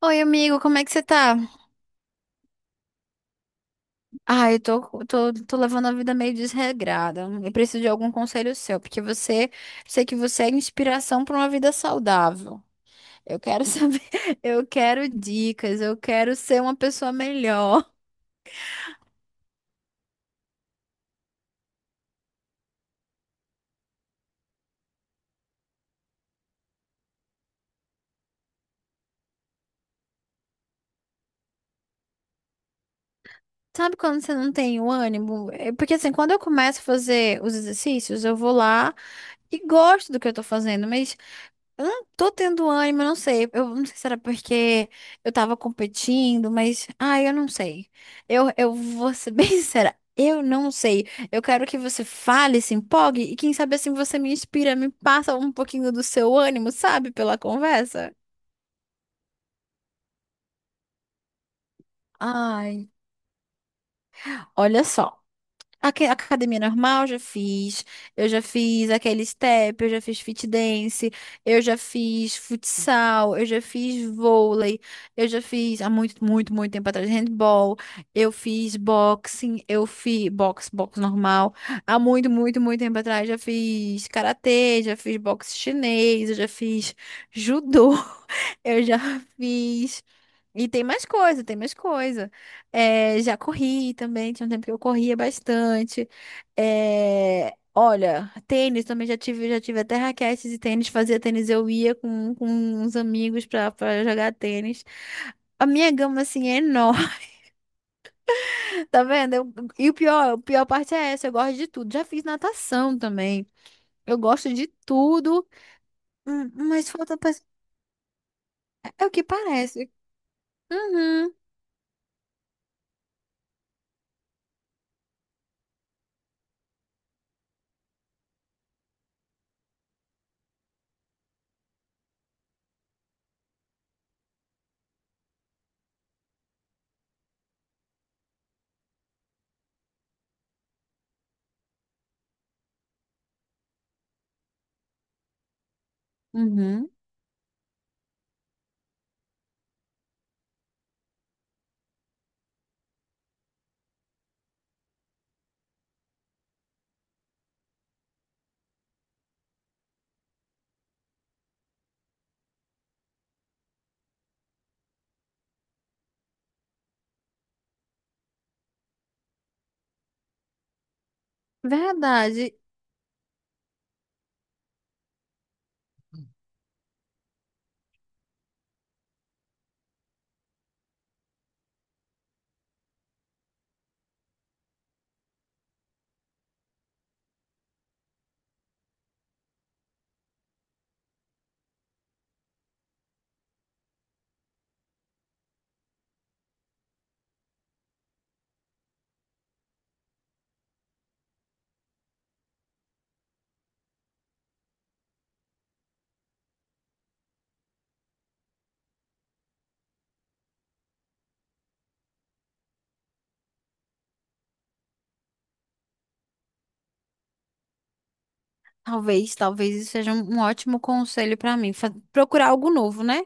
Oi, amigo, como é que você tá? Ah, eu tô, tô levando a vida meio desregrada. Eu preciso de algum conselho seu, porque você, sei que você é inspiração para uma vida saudável. Eu quero saber, eu quero dicas, eu quero ser uma pessoa melhor. Sabe quando você não tem o ânimo? É porque assim, quando eu começo a fazer os exercícios, eu vou lá e gosto do que eu tô fazendo, mas eu não tô tendo ânimo, eu não sei. Eu não sei se era porque eu tava competindo, mas. Ah, eu não sei. Eu vou ser bem sincera. Eu não sei. Eu quero que você fale, se empolgue e quem sabe assim você me inspira, me passa um pouquinho do seu ânimo, sabe, pela conversa. Ai, olha só. Academia normal, já fiz. Eu já fiz aquele step, eu já fiz fit dance, eu já fiz futsal, eu já fiz vôlei, eu já fiz há muito, muito, muito tempo atrás handball, eu fiz boxing, eu fiz boxe, boxe normal. Há muito, muito, muito tempo atrás já fiz karatê, já fiz boxe chinês, eu já fiz judô, eu já fiz e tem mais coisa, tem mais coisa. É, já corri também, tinha um tempo que eu corria bastante. É, olha, tênis também já tive até raquetes e tênis, fazia tênis, eu ia com uns amigos pra, pra jogar tênis. A minha gama, assim, é enorme, tá vendo? E o pior, a pior parte é essa, eu gosto de tudo. Já fiz natação também, eu gosto de tudo, mas falta. É o que parece. Uhum, uhum. Verdade. Talvez, talvez isso seja um ótimo conselho pra mim, procurar algo novo, né?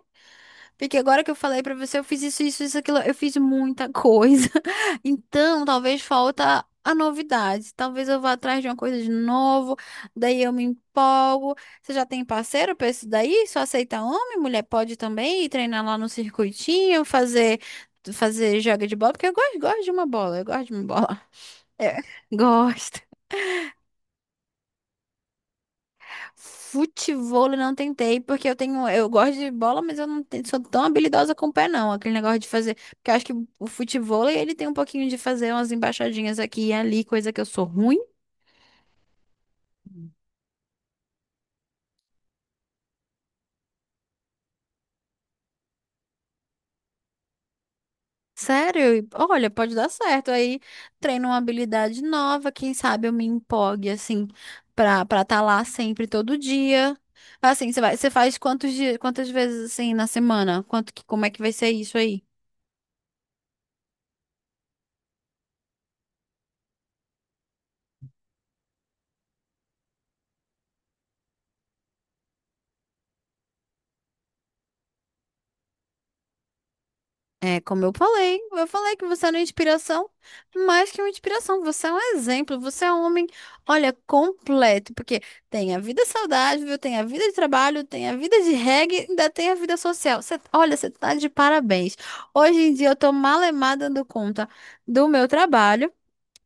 Porque agora que eu falei pra você, eu fiz isso, isso, isso, aquilo, eu fiz muita coisa. Então, talvez falta a novidade. Talvez eu vá atrás de uma coisa de novo, daí eu me empolgo. Você já tem parceiro pra isso daí? Só aceita homem? Mulher pode também ir treinar lá no circuitinho, fazer joga de bola, porque eu gosto, gosto de uma bola, eu gosto de uma bola. É. Gosto. Futevôlei não tentei, porque eu tenho, eu gosto de bola, mas eu não te- sou tão habilidosa com o pé, não. Aquele negócio de fazer, porque eu acho que o futevôlei, ele tem um pouquinho de fazer umas embaixadinhas aqui e ali, coisa que eu sou ruim. Sério, e olha, pode dar certo. Aí treino uma habilidade nova, quem sabe eu me empolgue, assim, para estar lá sempre, todo dia. Assim, você vai, você faz quantos dias, quantas vezes, assim, na semana? Quanto que, como é que vai ser isso aí? É, como eu falei que você era uma inspiração, mais que uma inspiração, você é um exemplo, você é um homem, olha, completo, porque tem a vida saudável, tem a vida de trabalho, tem a vida de reggae, ainda tem a vida social. Você, olha, você tá de parabéns. Hoje em dia eu tô malemada dando conta do meu trabalho,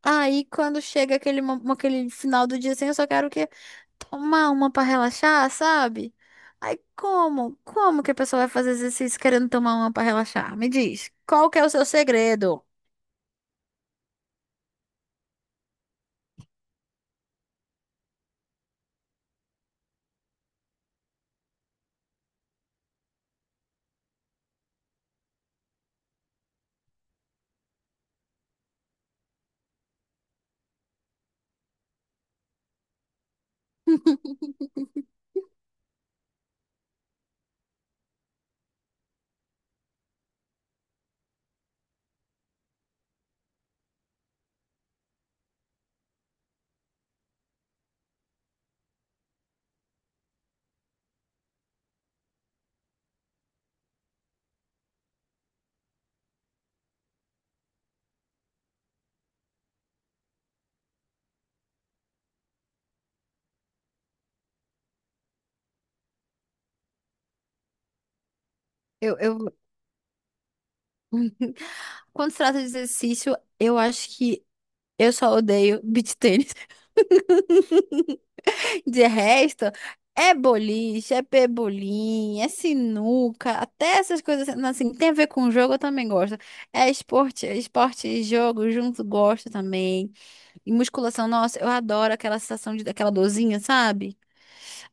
aí quando chega aquele final do dia assim, eu só quero o quê? Tomar uma pra relaxar, sabe? Aí como? Como que a pessoa vai fazer exercício querendo tomar uma pra relaxar? Me diz, qual que é o seu segredo? Eu... Quando se trata de exercício, eu acho que eu só odeio beach tênis. De resto, é boliche, é pebolim, é sinuca, até essas coisas assim, tem a ver com jogo, eu também gosto. É esporte e jogo junto, gosto também. E musculação, nossa, eu adoro aquela sensação de aquela dorzinha, sabe?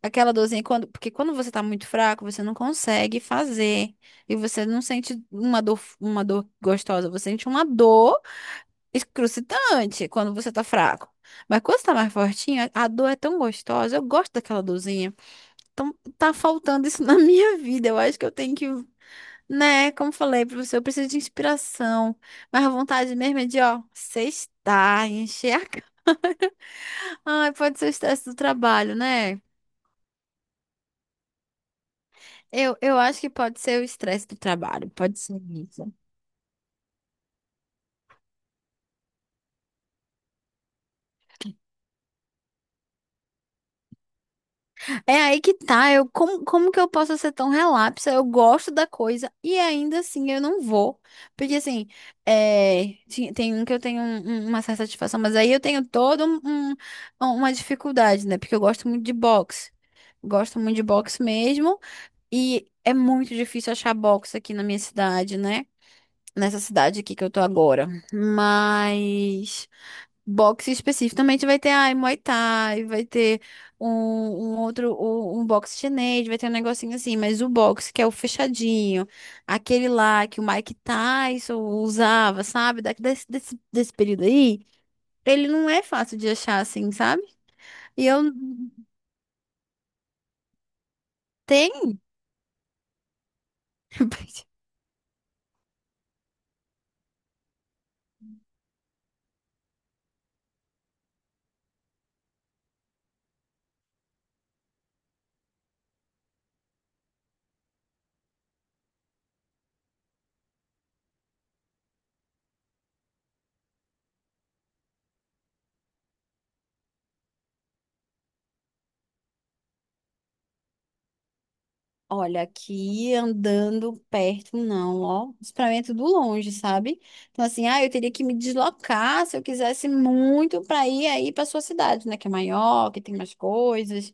Aquela dorzinha quando, porque quando você tá muito fraco, você não consegue fazer. E você não sente uma dor gostosa, você sente uma dor excrucitante quando você tá fraco. Mas quando você tá mais fortinho, a dor é tão gostosa. Eu gosto daquela dorzinha. Então tá faltando isso na minha vida. Eu acho que eu tenho que, né, como falei pra você, eu preciso de inspiração. Mas a vontade mesmo é de, ó, sextar, encher a ai, pode ser o estresse do trabalho, né? Eu acho que pode ser o estresse do trabalho, pode ser isso. É aí que tá, eu, como, como que eu posso ser tão relapsa? Eu gosto da coisa e ainda assim eu não vou. Porque assim, tem um que eu tenho uma certa satisfação, mas aí eu tenho toda uma dificuldade, né? Porque eu gosto muito de boxe. Gosto muito de boxe mesmo e é muito difícil achar boxe aqui na minha cidade, né? Nessa cidade aqui que eu tô agora. Mas boxe especificamente vai ter, ai, Muay Thai, vai ter um outro, um boxe chinês, vai ter um negocinho assim, mas o boxe que é o fechadinho, aquele lá que o Mike Tyson usava, sabe? Daqui desse período aí, ele não é fácil de achar assim, sabe? E eu tenho olha, aqui andando perto, não, ó. Experimento do longe, sabe? Então, assim, ah, eu teria que me deslocar se eu quisesse muito para ir aí para sua cidade, né? Que é maior, que tem mais coisas.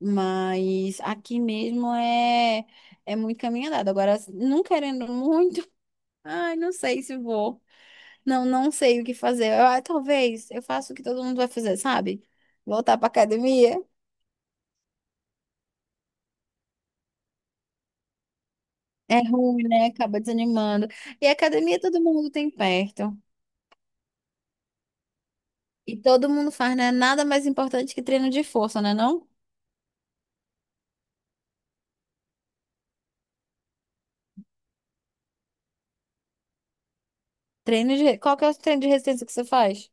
Mas aqui mesmo é, é muito caminho andado. Agora, assim, não querendo muito, ai, não sei se vou. Não, não sei o que fazer. Eu, ah, talvez eu faça o que todo mundo vai fazer, sabe? Voltar para academia. É ruim, né? Acaba desanimando. E academia todo mundo tem perto. E todo mundo faz, né? Nada mais importante que treino de força, né? Não? Treino de... Qual que é o treino de resistência que você faz?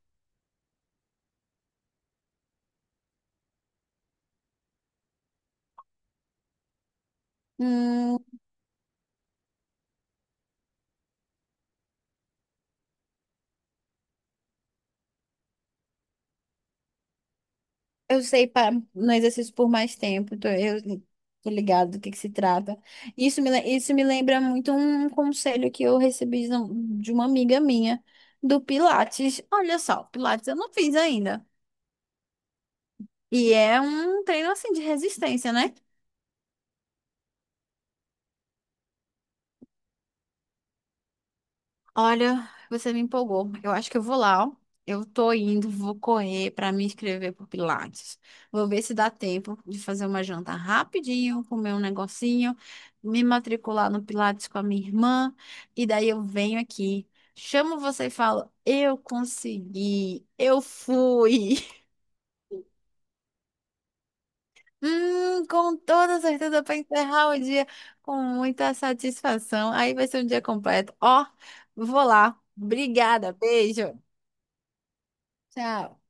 Hum, eu sei para no exercício por mais tempo. Tô, eu tô ligado do que se trata. Isso me lembra muito um conselho que eu recebi de de uma amiga minha do Pilates. Olha só, Pilates eu não fiz ainda. E é um treino assim de resistência, né? Olha, você me empolgou. Eu acho que eu vou lá, ó. Eu tô indo, vou correr para me inscrever pro Pilates. Vou ver se dá tempo de fazer uma janta rapidinho, comer um negocinho, me matricular no Pilates com a minha irmã, e daí eu venho aqui, chamo você e falo: "Eu consegui, eu fui". Com toda certeza para encerrar o dia com muita satisfação. Aí vai ser um dia completo. Ó, vou lá. Obrigada, beijo. Tchau.